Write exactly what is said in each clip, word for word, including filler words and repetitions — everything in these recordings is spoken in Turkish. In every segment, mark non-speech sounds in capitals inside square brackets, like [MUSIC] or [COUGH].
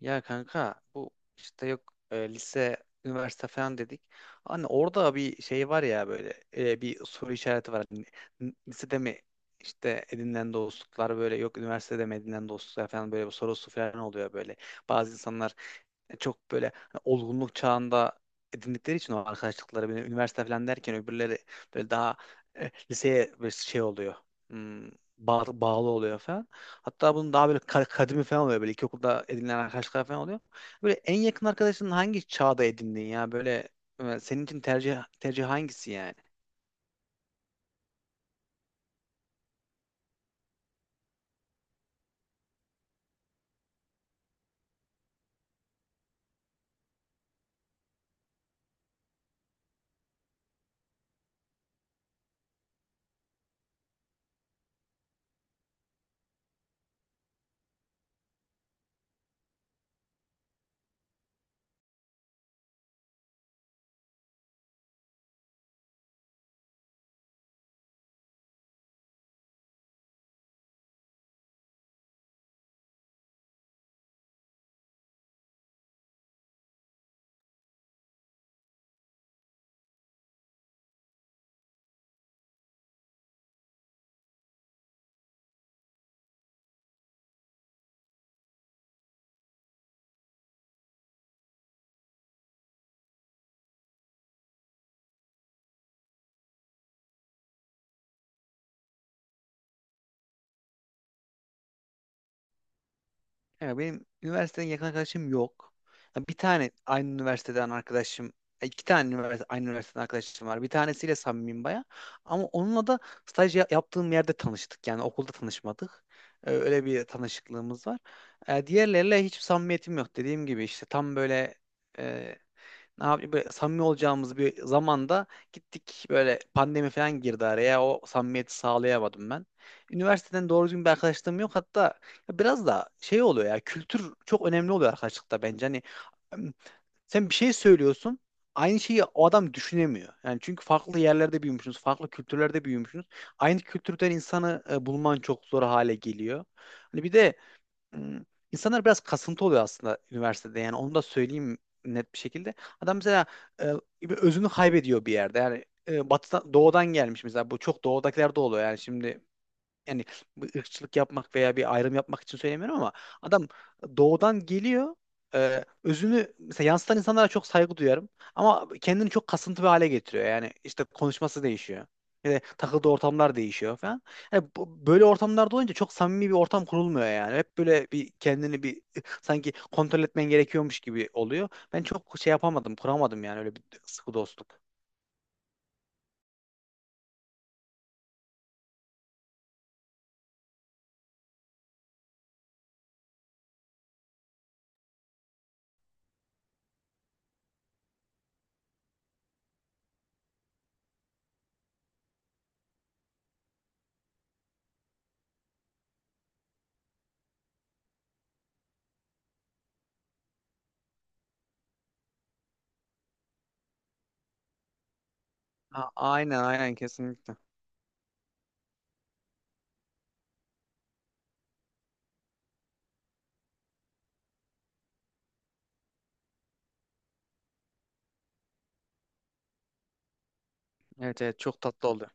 Ya kanka bu işte yok e, lise, üniversite falan dedik. Hani orada bir şey var ya böyle e, bir soru işareti var. Hani, n- lisede mi işte edinilen dostluklar, böyle yok, üniversitede mi edinilen dostluklar falan, böyle bir sorusu falan oluyor böyle. Bazı insanlar e, çok böyle hani olgunluk çağında edindikleri için o arkadaşlıkları böyle üniversite falan derken, öbürleri böyle daha e, liseye böyle şey oluyor. Hmm, bağ- Bağlı oluyor falan. Hatta bunun daha böyle ka- kadimi falan oluyor. Böyle ilkokulda edinilen arkadaşlar falan oluyor. Böyle en yakın arkadaşın hangi çağda edindin ya? Böyle e, senin için tercih tercih hangisi yani? Ya benim üniversiteden yakın arkadaşım yok. Ya bir tane aynı üniversiteden arkadaşım, e, iki tane üniversite, aynı üniversiteden arkadaşım var. Bir tanesiyle samimiyim baya. Ama onunla da staj ya- yaptığım yerde tanıştık. Yani okulda tanışmadık. E, Öyle bir tanışıklığımız var. E, Diğerleriyle hiç samimiyetim yok. Dediğim gibi işte tam böyle e, ne yapayım, böyle samimi olacağımız bir zamanda gittik böyle pandemi falan girdi araya, o samimiyeti sağlayamadım ben. Üniversiteden doğru düzgün bir arkadaşlığım yok. Hatta biraz da şey oluyor ya, kültür çok önemli oluyor arkadaşlıkta bence. hani em, Sen bir şey söylüyorsun, aynı şeyi o adam düşünemiyor. Yani çünkü farklı yerlerde büyümüşsünüz, farklı kültürlerde büyümüşsünüz. Aynı kültürden insanı e, bulman çok zor hale geliyor. Hani bir de Hmm. İnsanlar biraz kasıntı oluyor aslında üniversitede, yani onu da söyleyeyim net bir şekilde. Adam mesela e, bir özünü kaybediyor bir yerde. Yani e, batıdan, doğudan gelmiş mesela, bu çok doğudakiler de oluyor yani şimdi. Yani bu ırkçılık yapmak veya bir ayrım yapmak için söylemiyorum ama adam doğudan geliyor. E, özünü mesela yansıtan insanlara çok saygı duyarım ama kendini çok kasıntı bir hale getiriyor. Yani işte konuşması değişiyor. Yani takıldığı ortamlar değişiyor falan. Yani bu- böyle ortamlarda olunca çok samimi bir ortam kurulmuyor yani. Hep böyle bir kendini bir sanki kontrol etmen gerekiyormuş gibi oluyor. Ben çok şey yapamadım, kuramadım yani, öyle bir sıkı dostluk. A- aynen aynen kesinlikle. Evet, evet, çok tatlı oldu.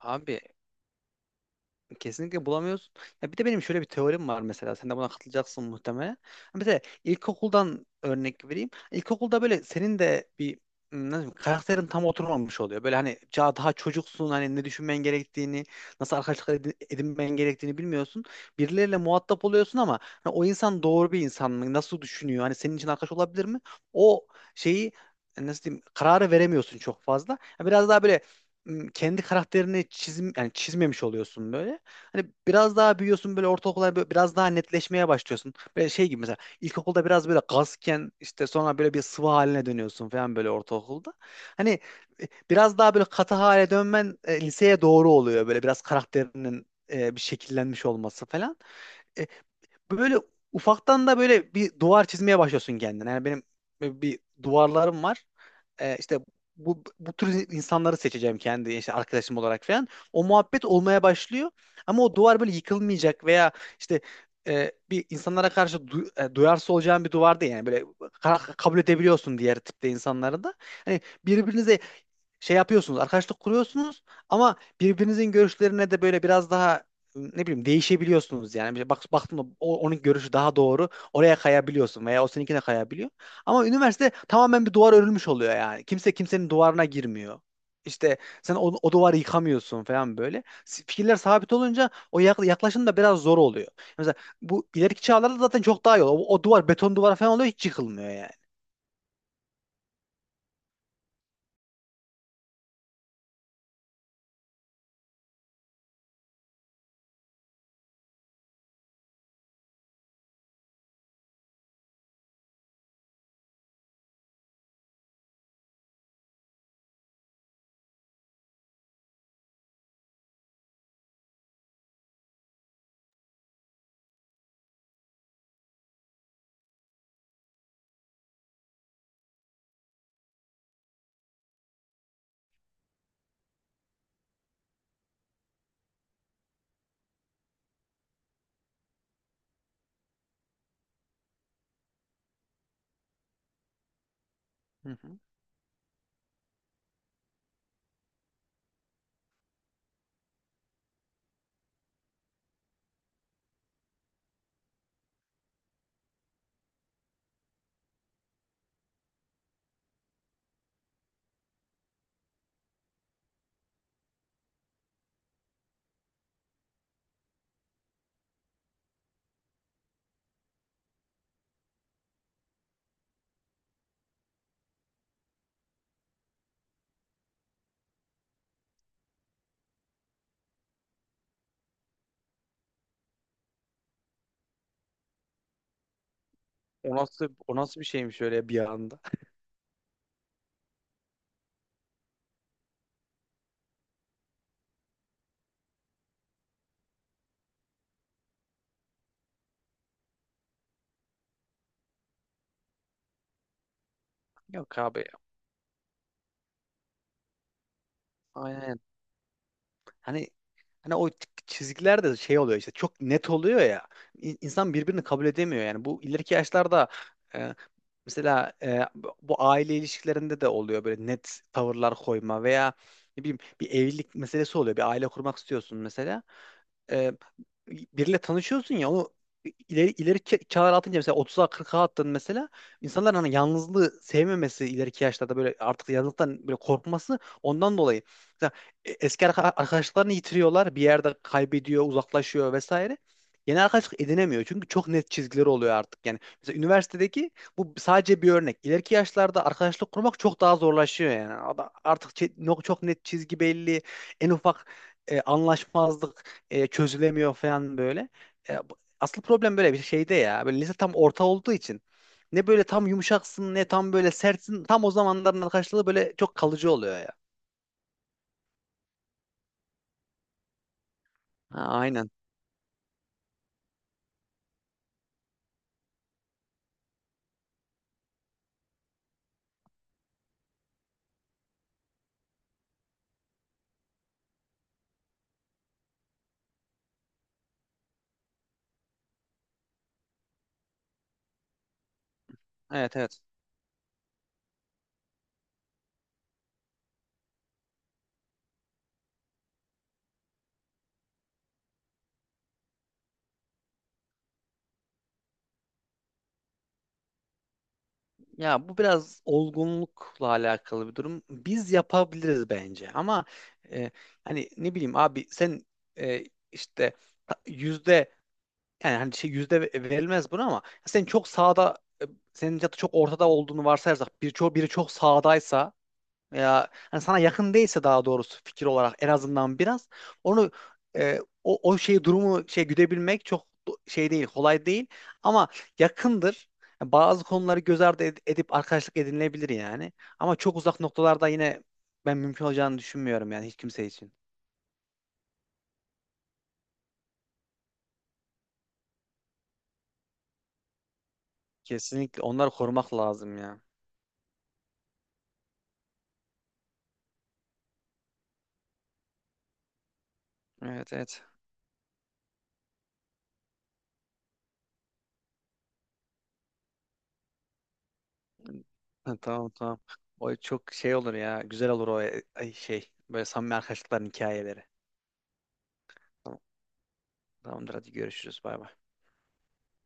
Abi, kesinlikle bulamıyorsun. Ya bir de benim şöyle bir teorim var mesela. Sen de buna katılacaksın muhtemelen. Mesela ilkokuldan örnek vereyim. İlkokulda böyle senin de bir hmm, nasıl diyeyim, karakterin tam oturmamış oluyor. Böyle hani daha, daha çocuksun, hani ne düşünmen gerektiğini, nasıl arkadaşlıklar edin- edinmen gerektiğini bilmiyorsun. Birileriyle muhatap oluyorsun, ama hani o insan doğru bir insan mı? Nasıl düşünüyor? Hani senin için arkadaş olabilir mi? O şeyi e, nasıl diyeyim, kararı veremiyorsun çok fazla. Ya biraz daha böyle hmm, kendi karakterini çizim yani çizmemiş oluyorsun böyle. Hani biraz daha büyüyorsun böyle ortaokulda, hani böyle biraz daha netleşmeye başlıyorsun. Böyle şey gibi mesela ilkokulda biraz böyle gazken, işte sonra böyle bir sıvı haline dönüyorsun falan böyle ortaokulda. Hani e, biraz daha böyle katı hale dönmen e, liseye doğru oluyor, böyle biraz karakterinin e, bir şekillenmiş olması falan. E, Böyle ufaktan da böyle bir duvar çizmeye başlıyorsun kendine. Yani benim böyle bir duvarlarım var. Ee, işte bu, bu tür insanları seçeceğim kendi işte, arkadaşım olarak falan. O muhabbet olmaya başlıyor. Ama o duvar böyle yıkılmayacak veya işte e, bir insanlara karşı du- e, duyarsız olacağın bir duvar değil. Yani böyle ka- kabul edebiliyorsun diğer tipte insanları da. Hani birbirinize şey yapıyorsunuz, arkadaşlık kuruyorsunuz, ama birbirinizin görüşlerine de böyle biraz daha, ne bileyim, değişebiliyorsunuz yani. Bir bak, baktım da o- onun görüşü daha doğru. Oraya kayabiliyorsun veya o seninkine kayabiliyor. Ama üniversite tamamen bir duvar örülmüş oluyor yani. Kimse kimsenin duvarına girmiyor. İşte sen o, o duvarı yıkamıyorsun falan böyle. S- Fikirler sabit olunca o yak- yaklaşım da biraz zor oluyor. Mesela bu ileriki çağlarda zaten çok daha iyi oluyor. O, o duvar beton duvar falan oluyor, hiç yıkılmıyor yani. Hı hı. O nasıl, o nasıl bir şeymiş öyle bir anda? [LAUGHS] Yok abi. Aynen. Hani hani o çizgiler de şey oluyor işte, çok net oluyor ya. İ- İnsan birbirini kabul edemiyor yani. Bu ileriki yaşlarda e, mesela e, bu bu aile ilişkilerinde de oluyor böyle, net tavırlar koyma veya, ne bileyim, bir evlilik meselesi oluyor. Bir aile kurmak istiyorsun mesela, e, biriyle tanışıyorsun ya, onu ileri ileri ke- çağlar atınca, mesela otuza kırka attın mesela, insanların hani yalnızlığı sevmemesi, ileriki yaşlarda böyle artık yalnızlıktan böyle korkması, ondan dolayı mesela e, eski arka- arkadaşlarını yitiriyorlar bir yerde, kaybediyor, uzaklaşıyor vesaire. Yeni arkadaşlık edinemiyor, çünkü çok net çizgileri oluyor artık yani. Mesela üniversitedeki bu sadece bir örnek, ileriki yaşlarda arkadaşlık kurmak çok daha zorlaşıyor yani. Ada- artık çe- no- Çok net çizgi belli, en ufak e, anlaşmazlık e, çözülemiyor falan böyle. E, bu- asıl problem böyle bir şeyde ya. Böyle lise tam orta olduğu için ne böyle tam yumuşaksın ne tam böyle sertsin. Tam o zamanların arkadaşlığı böyle çok kalıcı oluyor ya. Ha, aynen. Evet, evet. Ya bu biraz olgunlukla alakalı bir durum. Biz yapabiliriz bence, ama e, hani, ne bileyim abi, sen e, işte ta- yüzde, yani hani şey, yüzde ve- verilmez buna, ama sen çok sağda e, senin ya da çok ortada olduğunu varsayarsak, bir çok, biri çok sağdaysa veya hani sana yakın değilse, daha doğrusu fikir olarak, en azından biraz onu e, o, o şeyi, durumu şey güdebilmek çok do- şey değil, kolay değil, ama yakındır. Yani bazı konuları göz ardı ed- edip arkadaşlık edinilebilir yani. Ama çok uzak noktalarda yine ben mümkün olacağını düşünmüyorum yani, hiç kimse için. Kesinlikle onları korumak lazım ya. Evet, evet. Ha, tamam, tamam. O çok şey olur ya. Güzel olur o, e, ay, şey, böyle samimi arkadaşlıkların hikayeleri. Tamam. Tamamdır, hadi görüşürüz. Bay bay.